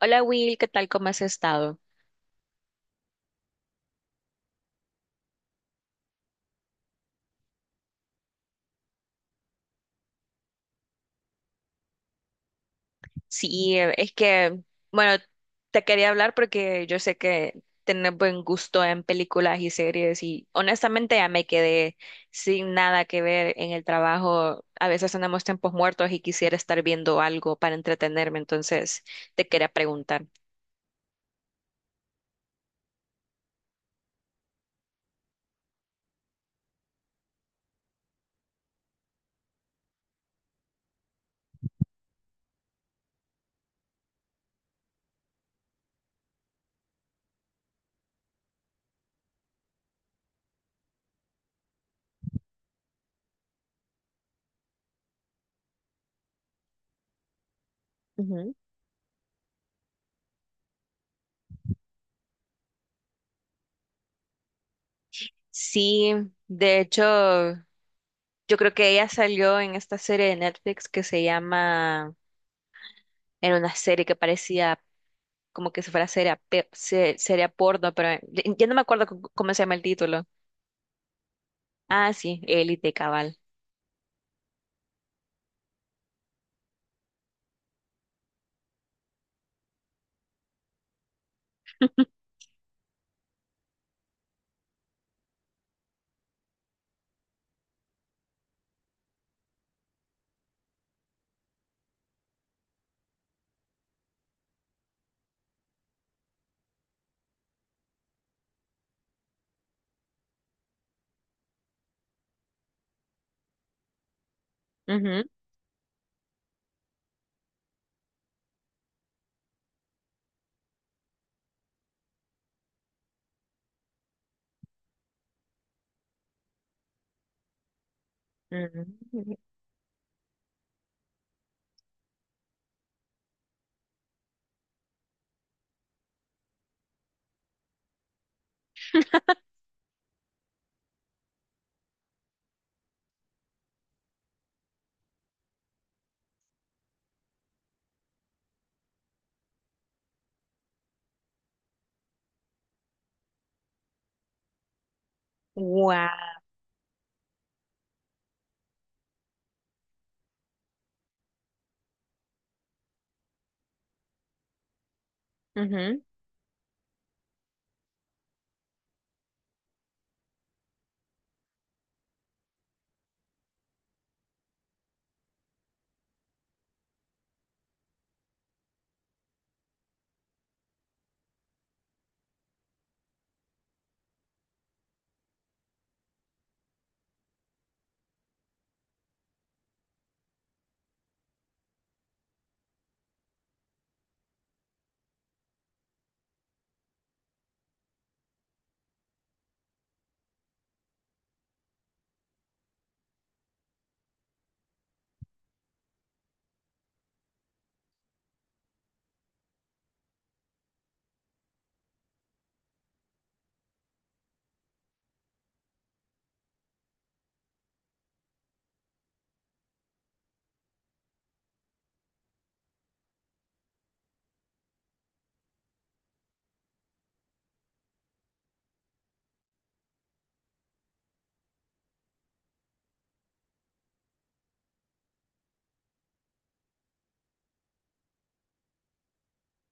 Hola Will, ¿qué tal? ¿Cómo has estado? Sí, es que, bueno, te quería hablar porque yo sé que tienes buen gusto en películas y series y honestamente ya me quedé sin nada que ver en el trabajo. A veces tenemos tiempos muertos y quisiera estar viendo algo para entretenerme, entonces te quería preguntar. Ujú. Sí, de hecho, yo creo que ella salió en esta serie de Netflix que se llama, era una serie que parecía como que si fuera seria, seria porno, pero ya no me acuerdo cómo se llama el título. Ah, sí, Élite Cabal. Ujú, ujú. Guau, ujú.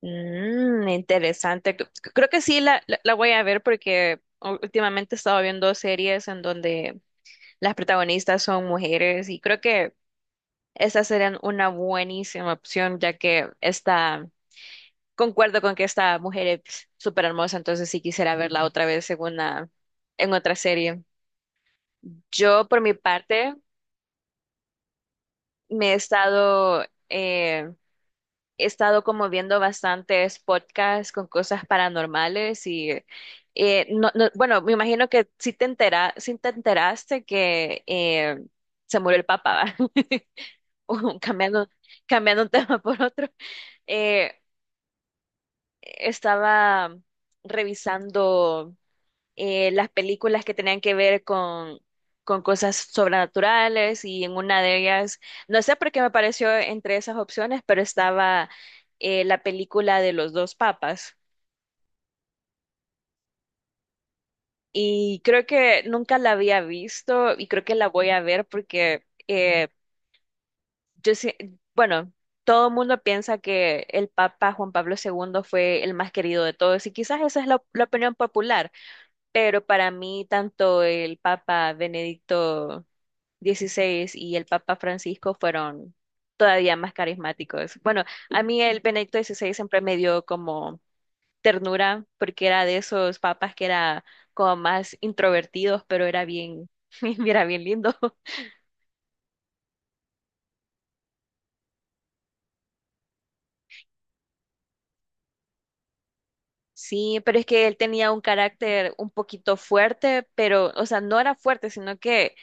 Mm, interesante. Creo que sí la voy a ver porque últimamente he estado viendo series en donde las protagonistas son mujeres y creo que esta sería una buenísima opción ya que está, concuerdo con que esta mujer es súper hermosa, entonces sí quisiera verla otra vez en otra serie. Yo, por mi parte, me he estado, eh, he estado como viendo bastantes podcasts con cosas paranormales y, bueno, me imagino que sí te enteraste que se murió el papá. Cambiando, un tema por otro. Eh, Estaba revisando las películas que tenían que ver con cosas sobrenaturales y en una de ellas, no sé por qué me pareció entre esas opciones, pero estaba la película de los dos papas y creo que nunca la había visto y creo que la voy a ver porque yo sé, bueno. Todo el mundo piensa que el Papa Juan Pablo II fue el más querido de todos y quizás esa es la opinión popular, pero para mí tanto el Papa Benedicto XVI y el Papa Francisco fueron todavía más carismáticos. Bueno, a mí el Benedicto XVI siempre me dio como ternura porque era de esos papas que era como más introvertidos, pero era bien, era bien lindo. Sí, pero es que él tenía un carácter un poquito fuerte, pero, o sea, no era fuerte, sino que,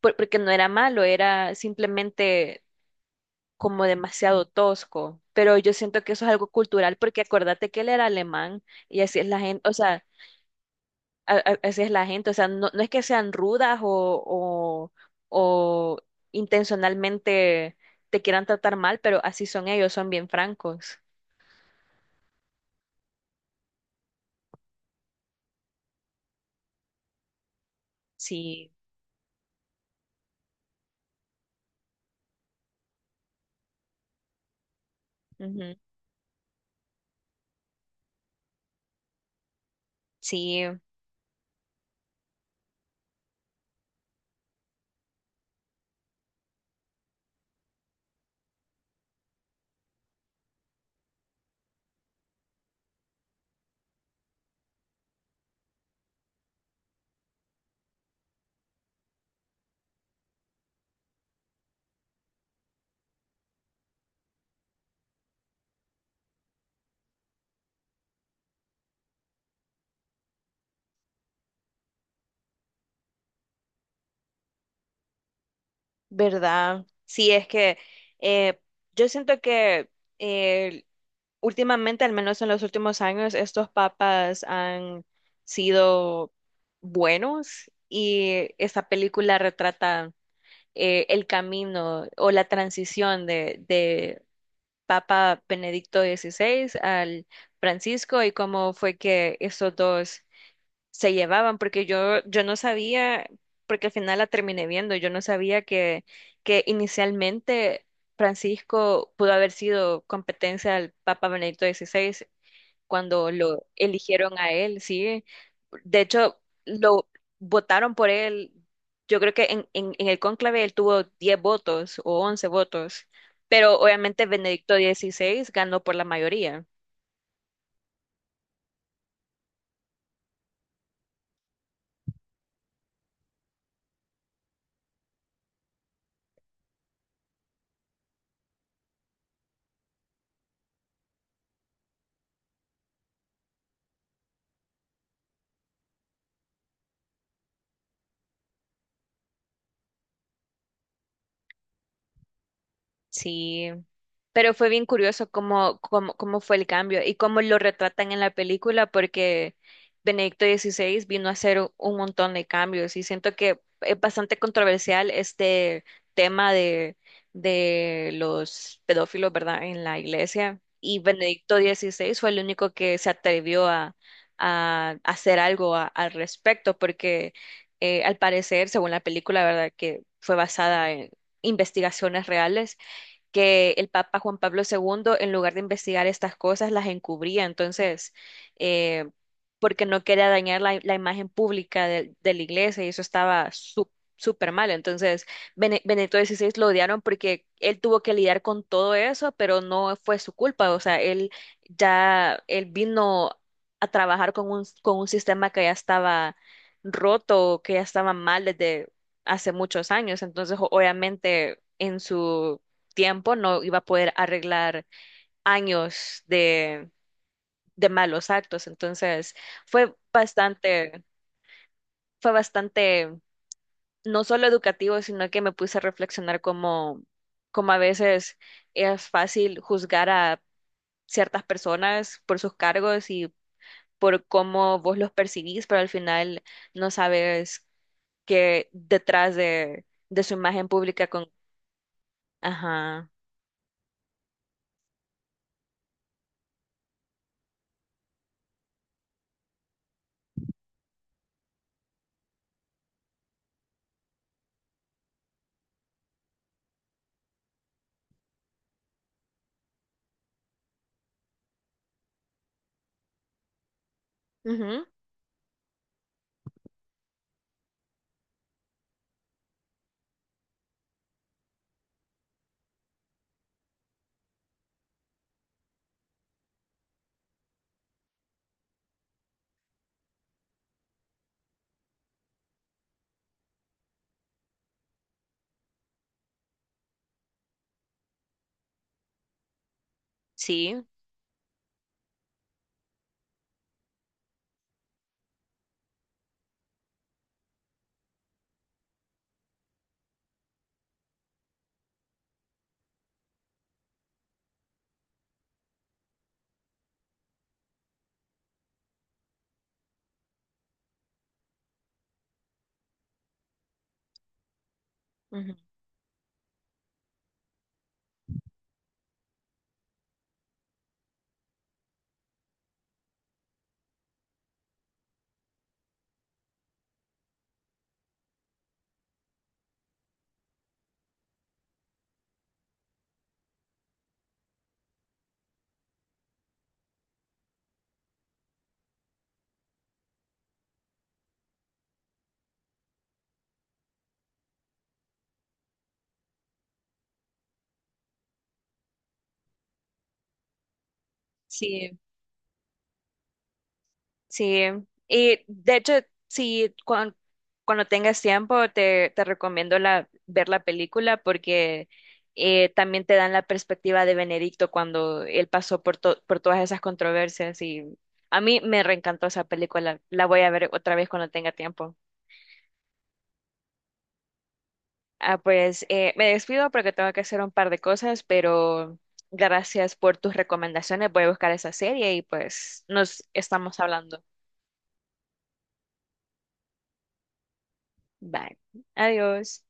porque no era malo, era simplemente como demasiado tosco. Pero yo siento que eso es algo cultural, porque acuérdate que él era alemán y así es la gente, o sea, así es la gente, o sea, no es que sean rudas o, o intencionalmente te quieran tratar mal, pero así son ellos, son bien francos. Sí, ujú. Sí, ¿verdad? Sí, es que eh, yo siento que eh, últimamente, al menos en los últimos años, estos papas han sido buenos y esta película retrata el camino o la transición de Papa Benedicto XVI al Francisco y cómo fue que esos dos se llevaban, porque yo no sabía, porque al final la terminé viendo, yo no sabía que inicialmente Francisco pudo haber sido competencia al Papa Benedicto XVI cuando lo eligieron a él, sí. De hecho, lo votaron por él. Yo creo que en el cónclave él tuvo 10 votos o 11 votos, pero obviamente Benedicto XVI ganó por la mayoría. Sí, pero fue bien curioso cómo fue el cambio y cómo lo retratan en la película, porque Benedicto XVI vino a hacer un montón de cambios y siento que es bastante controversial este tema de los pedófilos, ¿verdad?, en la iglesia. Y Benedicto XVI fue el único que se atrevió a hacer algo al respecto, porque al parecer, según la película, ¿verdad?, que fue basada en investigaciones reales, que el Papa Juan Pablo II, en lugar de investigar estas cosas, las encubría. Entonces, eh, porque no quería dañar la imagen pública de la iglesia y eso estaba súper mal. Entonces, Benedicto XVI lo odiaron porque él tuvo que lidiar con todo eso, pero no fue su culpa. O sea, él vino a trabajar con un sistema que ya estaba roto, que ya estaba mal desde hace muchos años. Entonces, obviamente, en su tiempo no iba a poder arreglar años de malos actos. Entonces fue bastante, fue bastante, no solo educativo, sino que me puse a reflexionar como a veces es fácil juzgar a ciertas personas por sus cargos y por cómo vos los percibís, pero al final no sabes qué detrás de su imagen pública con... Ajá. Ujú. Sí. Ujú. Sí. Sí, y de hecho, sí, cuando tengas tiempo, te recomiendo ver la película porque también te dan la perspectiva de Benedicto cuando él pasó por todas esas controversias y a mí me reencantó esa película. La voy a ver otra vez cuando tenga tiempo. Ah, pues me despido porque tengo que hacer un par de cosas, pero gracias por tus recomendaciones. Voy a buscar esa serie y pues nos estamos hablando. Bye. Adiós.